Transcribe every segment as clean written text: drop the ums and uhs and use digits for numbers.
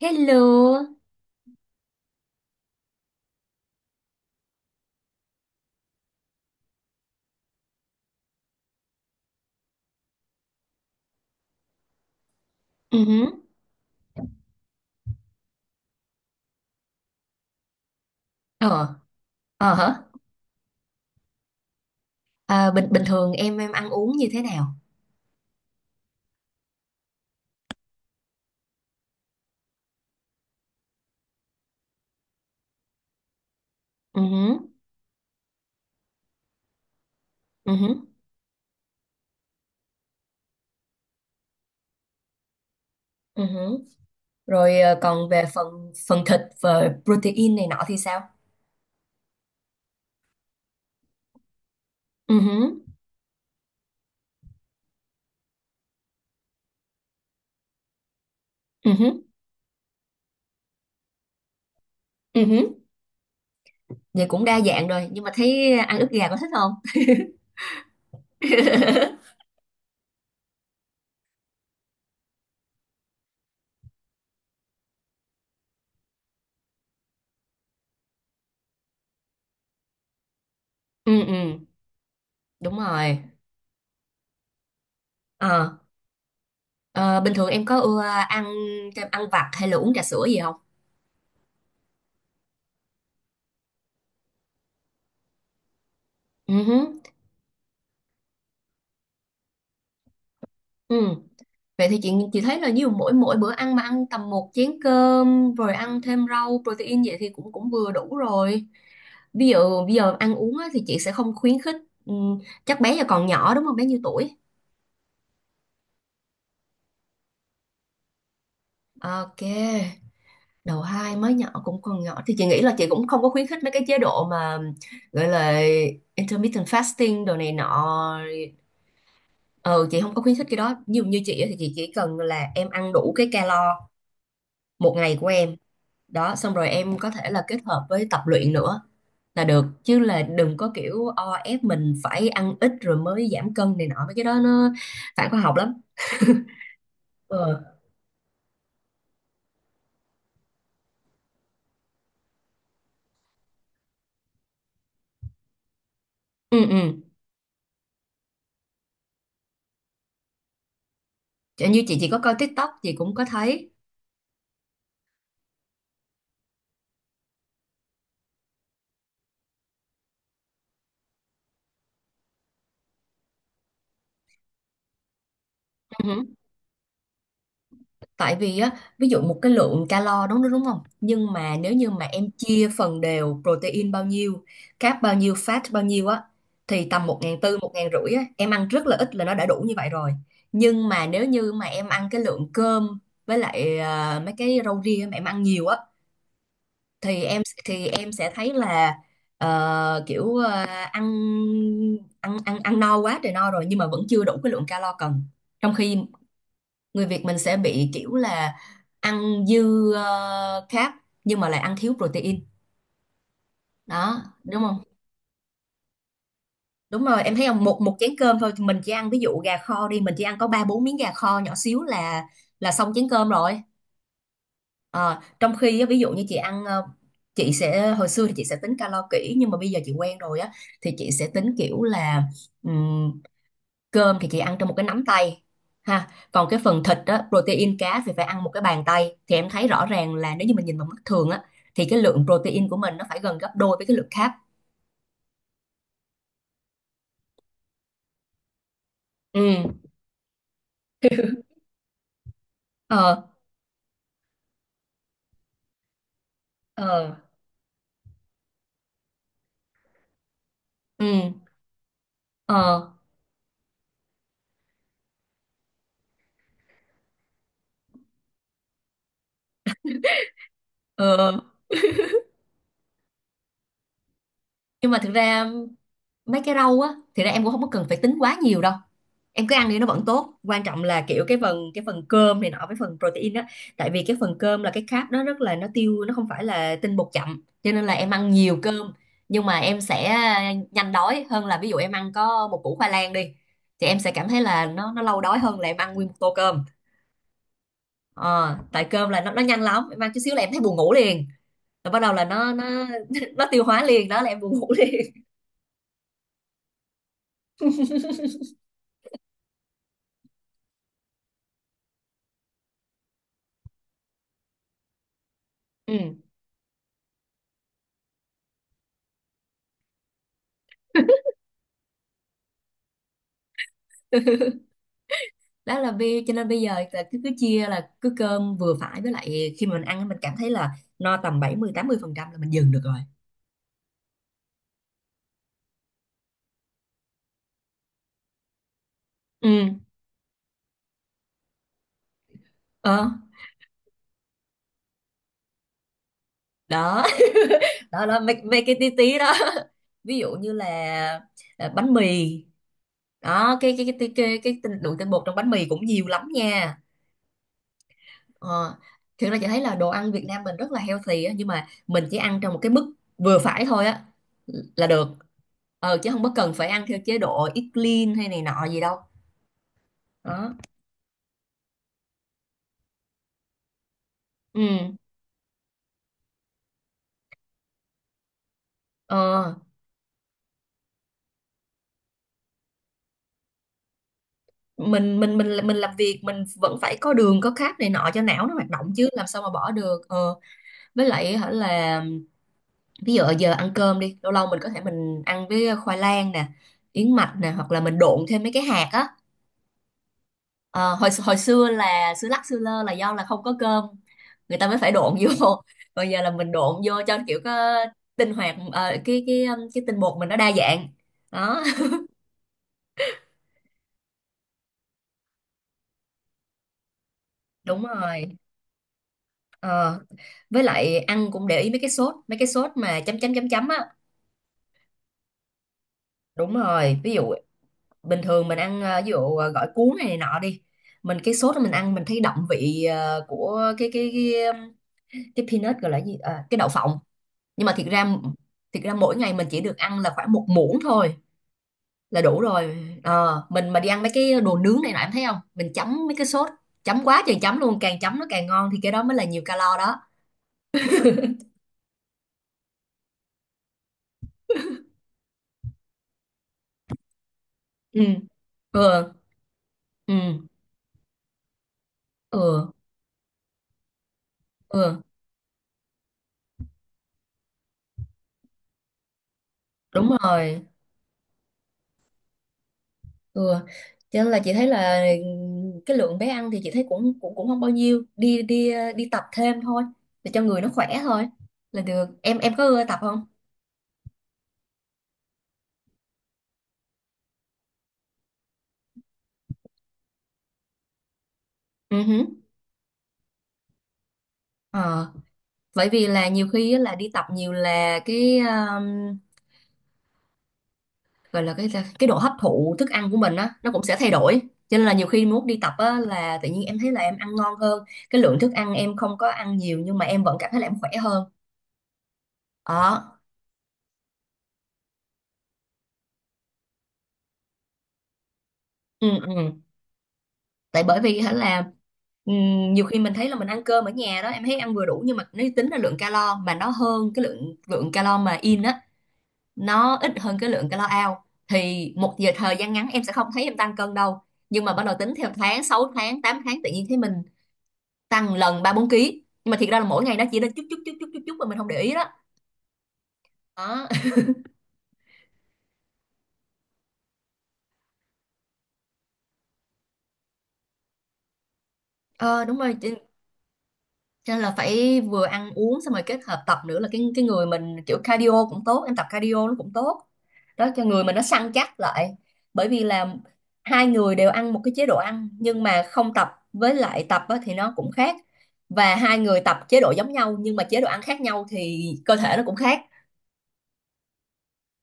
Hello. Ừ hứ, Ờ, ờ hả? À, bình bình thường em ăn uống như thế nào? Ừ hứ, ừ hứ. Ừ hử. Rồi còn về phần phần thịt và protein này nọ thì sao? Ừ hứ, ừ hứ, ừ hứ, Vậy cũng đa dạng rồi, nhưng mà thấy ăn ức gà có thích không? ừ ừ. Đúng rồi. Ờ, ờ, bình thường em có ưa ăn kem ăn vặt hay là uống trà sữa gì không? ừ hứ, ừ. Vậy thì chị thấy là nhiều mỗi mỗi bữa ăn mà ăn tầm một chén cơm rồi ăn thêm rau protein vậy thì cũng cũng vừa đủ rồi. Ví dụ bây giờ ăn uống á, thì chị sẽ không khuyến khích. Ừm, chắc bé giờ còn nhỏ đúng không? Bé nhiêu tuổi? Ok. Đầu hai mới nhỏ cũng còn nhỏ thì chị nghĩ là chị cũng không có khuyến khích mấy cái chế độ mà gọi là intermittent fasting đồ này nọ. Ừ, chị không có khuyến khích cái đó. Nhiều như chị á thì chị chỉ cần là em ăn đủ cái calo một ngày của em, đó xong rồi em có thể là kết hợp với tập luyện nữa là được, chứ là đừng có kiểu o ép mình phải ăn ít rồi mới giảm cân này nọ, mấy cái đó nó phản khoa học lắm. ừ ừ ừ Chẳng như chị chỉ có coi TikTok chị cũng có thấy. Tại vì á, ví dụ một cái lượng calo đúng đúng không? Nhưng mà nếu như mà em chia phần đều protein bao nhiêu, carb bao nhiêu, fat bao nhiêu á, thì tầm 1.400, 1.500 á, em ăn rất là ít là nó đã đủ như vậy rồi. Nhưng mà nếu như mà em ăn cái lượng cơm với lại mấy cái rau ria mà em ăn nhiều á, thì em sẽ thấy là ờ, kiểu ờ, ăn ăn ăn ăn no quá trời no rồi nhưng mà vẫn chưa đủ cái lượng calo cần. Trong khi người Việt mình sẽ bị kiểu là ăn dư carb nhưng mà lại ăn thiếu protein, đó đúng không? Đúng rồi, em thấy không, một một chén cơm thôi mình chỉ ăn ví dụ gà kho đi, mình chỉ ăn có ba bốn miếng gà kho nhỏ xíu là xong chén cơm rồi. Ờ, Trong khi á, ví dụ như chị ăn ờ, chị sẽ hồi xưa thì chị sẽ tính calo kỹ, nhưng mà bây giờ chị quen rồi á, thì chị sẽ tính kiểu là cơm thì chị ăn trong một cái nắm tay, ha, còn cái phần thịt á, protein cá thì phải ăn một cái bàn tay, thì em thấy rõ ràng là nếu như mình nhìn bằng mắt thường á thì cái lượng protein của mình nó phải gần gấp đôi với cái lượng carb. ừ ờ ờ ừ ờ ờ ờ. Nhưng mà thực ra mấy cái rau á, thì ra em cũng không có cần phải tính quá nhiều đâu, em cứ ăn đi nó vẫn tốt, quan trọng là kiểu cái phần cơm này nọ với phần protein á. Tại vì cái phần cơm là cái carb, nó rất là nó không phải là tinh bột chậm, cho nên là em ăn nhiều cơm nhưng mà em sẽ nhanh đói hơn là ví dụ em ăn có một củ khoai lang đi, thì em sẽ cảm thấy là nó lâu đói hơn là em ăn nguyên một tô cơm. Ờ, tại cơm là nó nhanh lắm, em ăn chút xíu là em thấy buồn ngủ liền, rồi bắt đầu là nó nó tiêu hóa liền, đó là em buồn ngủ liền. Ừ. Đó là bi, cho nên bây giờ là cứ cứ chia là cứ cơm vừa phải, với lại khi mà mình ăn mình cảm thấy là no tầm bảy mươi tám mươi phần trăm là mình dừng được rồi. Ừ ờ đó Đó là mấy, mấy cái tí tí đó, ví dụ như là bánh mì, đó lượng tinh bột trong bánh mì cũng nhiều lắm nha. ờ, Thực ra chị thấy là đồ ăn Việt Nam mình rất là healthy á, nhưng mà mình chỉ ăn trong một cái mức vừa phải thôi á là được, ờ, chứ không có cần phải ăn theo chế độ eat clean hay này nọ gì đâu. Đó ừ Ờ, mình làm việc mình vẫn phải có đường có carb này nọ cho não nó hoạt động chứ làm sao mà bỏ được. Ờ, với lại hả là ví dụ giờ ăn cơm đi, lâu lâu mình có thể mình ăn với khoai lang nè, yến mạch nè, hoặc là mình độn thêm mấy cái hạt á. Ờ, hồi hồi xưa là xưa lắc xưa lơ là do là không có cơm người ta mới phải độn vô còn giờ là mình độn vô cho kiểu có tinh hoạt ờ, cái tinh bột mình nó đa dạng, đó. Đúng rồi. Ờ, với lại ăn cũng để ý mấy cái sốt mà chấm chấm chấm chấm á. Đúng rồi, ví dụ bình thường mình ăn gỏi cuốn này, này nọ đi. Mình cái sốt đó mình ăn mình thấy đậm vị của cái peanut gọi là gì, ờ, cái đậu phộng. Nhưng mà thiệt ra mỗi ngày mình chỉ được ăn là khoảng một muỗng thôi là đủ rồi. Ờ, mình mà đi ăn mấy cái đồ nướng này nọ em thấy không? Mình chấm mấy cái sốt, chấm quá trời chấm luôn, càng chấm nó càng ngon, thì cái đó mới là nhiều calo đó. Ừ. Ừ. Ừ. Ừ. Ừ. Đúng rồi. ừ. Cho nên là chị thấy là cái lượng bé ăn thì chị thấy cũng cũng cũng không bao nhiêu, đi đi ờ, đi tập thêm thôi, để cho người nó khỏe thôi là được. Em có ưa tập không? Ừ hứ. Ờ, bởi vì là nhiều khi á là đi tập nhiều là cái gọi là cái độ hấp thụ thức ăn của mình á nó cũng sẽ thay đổi, cho nên là nhiều khi muốn đi tập á là tự nhiên em thấy là em ăn ngon hơn, cái lượng thức ăn em không có ăn nhiều nhưng mà em vẫn cảm thấy là em khỏe hơn, đó. ừ, ừ. Tại bởi vì hả là nhiều khi mình thấy là mình ăn cơm ở nhà đó, em thấy ăn vừa đủ, nhưng mà nếu tính là lượng calo mà nó hơn cái lượng lượng calo mà in á, nó ít hơn cái lượng calo out, thì một giờ thời gian ngắn em sẽ không thấy em tăng cân đâu, nhưng mà bắt đầu tính theo tháng 6 tháng 8 tháng tự nhiên thấy mình tăng lần ba bốn ký, nhưng mà thiệt ra là mỗi ngày nó chỉ lên chút chút chút chút chút chút mà mình không để ý đó, đó. Ờ, đúng rồi. Cho nên là phải vừa ăn uống xong rồi kết hợp tập nữa là cái người mình kiểu cardio cũng tốt, em tập cardio nó cũng tốt. Đó, cho người mình nó săn chắc lại. Bởi vì là hai người đều ăn một cái chế độ ăn nhưng mà không tập với lại tập á, thì nó cũng khác. Và hai người tập chế độ giống nhau nhưng mà chế độ ăn khác nhau thì cơ thể nó cũng khác.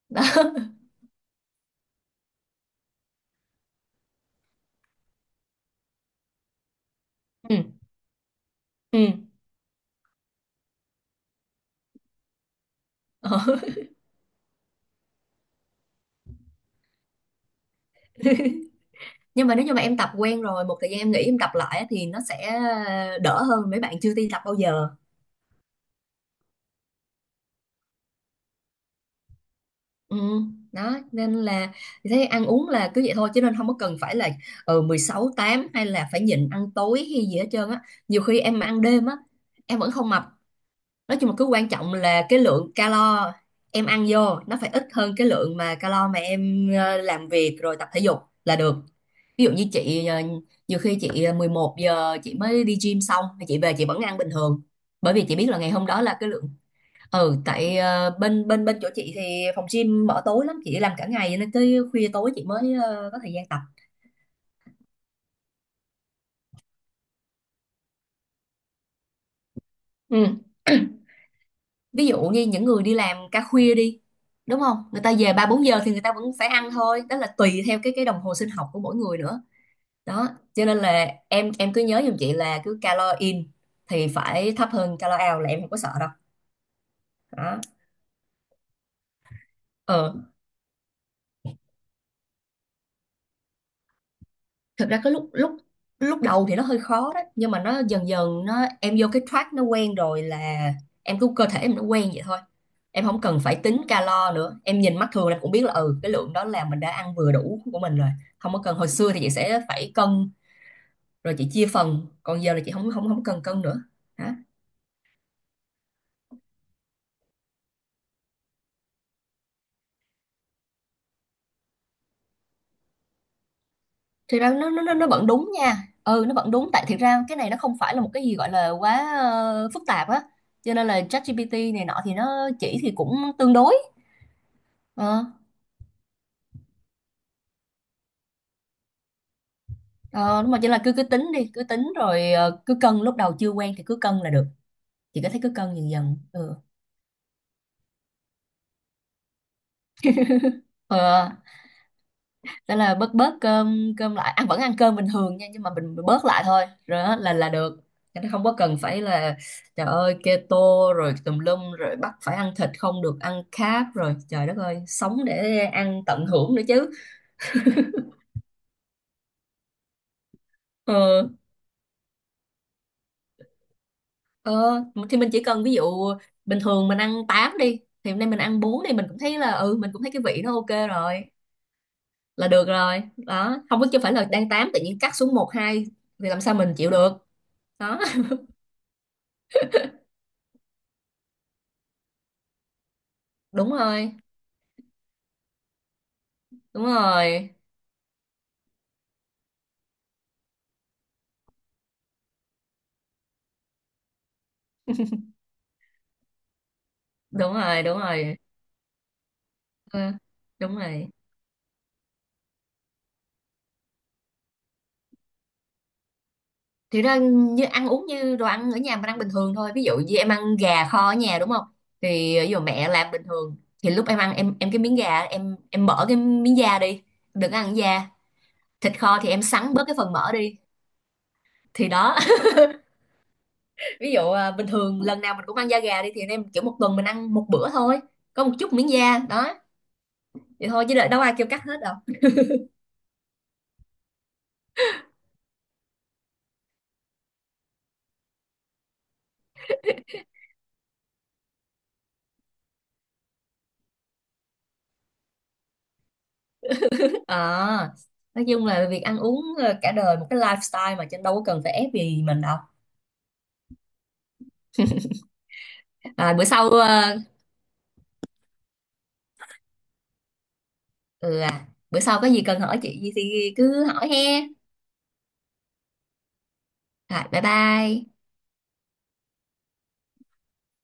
Đó. Ừ. Ừ. Ờ. Nhưng mà nếu như mà em tập quen rồi một thời gian em nghĩ em tập lại á, thì nó sẽ đỡ hơn mấy bạn chưa đi tập bao giờ. Ừ, đó nên là thế, ăn uống là cứ vậy thôi chứ, nên không có cần phải là 16 8 hay là phải nhịn ăn tối hay gì hết trơn á. Nhiều khi em mà ăn đêm á em vẫn không mập. Nói chung là cứ quan trọng là cái lượng calo em ăn vô nó phải ít hơn cái lượng mà calo mà em làm việc rồi tập thể dục là được. Ví dụ như chị ờ, nhiều khi chị ờ, 11 giờ chị mới đi gym xong thì chị về chị vẫn ăn bình thường. Bởi vì chị biết là ngày hôm đó là cái lượng, ừ, tại ờ, bên bên bên chỗ chị thì phòng gym mở tối lắm, chị làm cả ngày nên tới khuya tối chị mới có thời gian tập. Ừ. Ví dụ như những người đi làm ca khuya đi đúng không, người ta về ba bốn giờ thì người ta vẫn phải ăn thôi, đó là tùy theo cái đồng hồ sinh học của mỗi người nữa, đó. Cho nên là em cứ nhớ giùm chị là cứ calo in thì phải thấp hơn calo out là em không có sợ đâu, đó. Ừ. Thực ra cái lúc lúc lúc đầu thì nó hơi khó đó nhưng mà nó dần dần nó em vô cái track nó quen rồi, là em cứ cơ thể em nó quen vậy thôi, em không cần phải tính calo nữa, em nhìn mắt thường em cũng biết là ừ cái lượng đó là mình đã ăn vừa đủ của mình rồi, không có cần. Hồi xưa thì chị sẽ phải cân rồi chị chia phần, còn giờ là chị không không không cần cân nữa, hả. Thì ra nó vẫn đúng nha, ừ nó vẫn đúng, tại thiệt ra cái này nó không phải là một cái gì gọi là quá phức tạp á, cho nên là ChatGPT này nọ thì nó chỉ thì cũng tương đối. Ờ. Ờ, đúng rồi, chỉ là cứ cứ tính đi, cứ tính rồi cứ cân, lúc đầu chưa quen thì cứ cân là được. Chị có thấy cứ cân dần dần. Ừ. Ờ, thế là bớt bớt cơm cơm lại, ăn vẫn ăn cơm bình thường nha, nhưng mà mình bớt lại thôi, rồi đó là được. Cho không có cần phải là trời ơi keto rồi tùm lum rồi bắt phải ăn thịt không được ăn carb rồi trời đất ơi, sống để ăn tận hưởng nữa chứ. ờ, ờ, thì mình chỉ cần ví dụ bình thường mình ăn 8 đi thì hôm nay mình ăn 4 đi mình cũng thấy là ừ mình cũng thấy cái vị nó ok rồi là được rồi, đó, không có chứ phải là đang tám tự nhiên cắt xuống một hai thì làm sao mình chịu được, đó. đúng rồi đúng rồi Đúng rồi. Ờ, đúng rồi. Thì ra như ăn uống như đồ ăn ở nhà mình ăn bình thường thôi, ví dụ như em ăn gà kho ở nhà đúng không, thì ví dụ mẹ làm bình thường thì lúc em ăn em cái miếng gà em mở cái miếng da đi, đừng ăn da, thịt kho thì em sắn bớt cái phần mỡ đi, thì đó. Ví dụ bình thường lần nào mình cũng ăn da gà đi thì anh em kiểu một tuần mình ăn một bữa thôi, có một chút miếng da đó, vậy thôi, chứ đợi- đâu ai kêu cắt hết đâu. À, nói chung là việc ăn uống cả đời một cái lifestyle mà trên, đâu có cần phải ép gì mình đâu. À, bữa sau ờ, ừ À, bữa sau có gì cần hỏi chị gì thì cứ hỏi he. Rồi bye bye.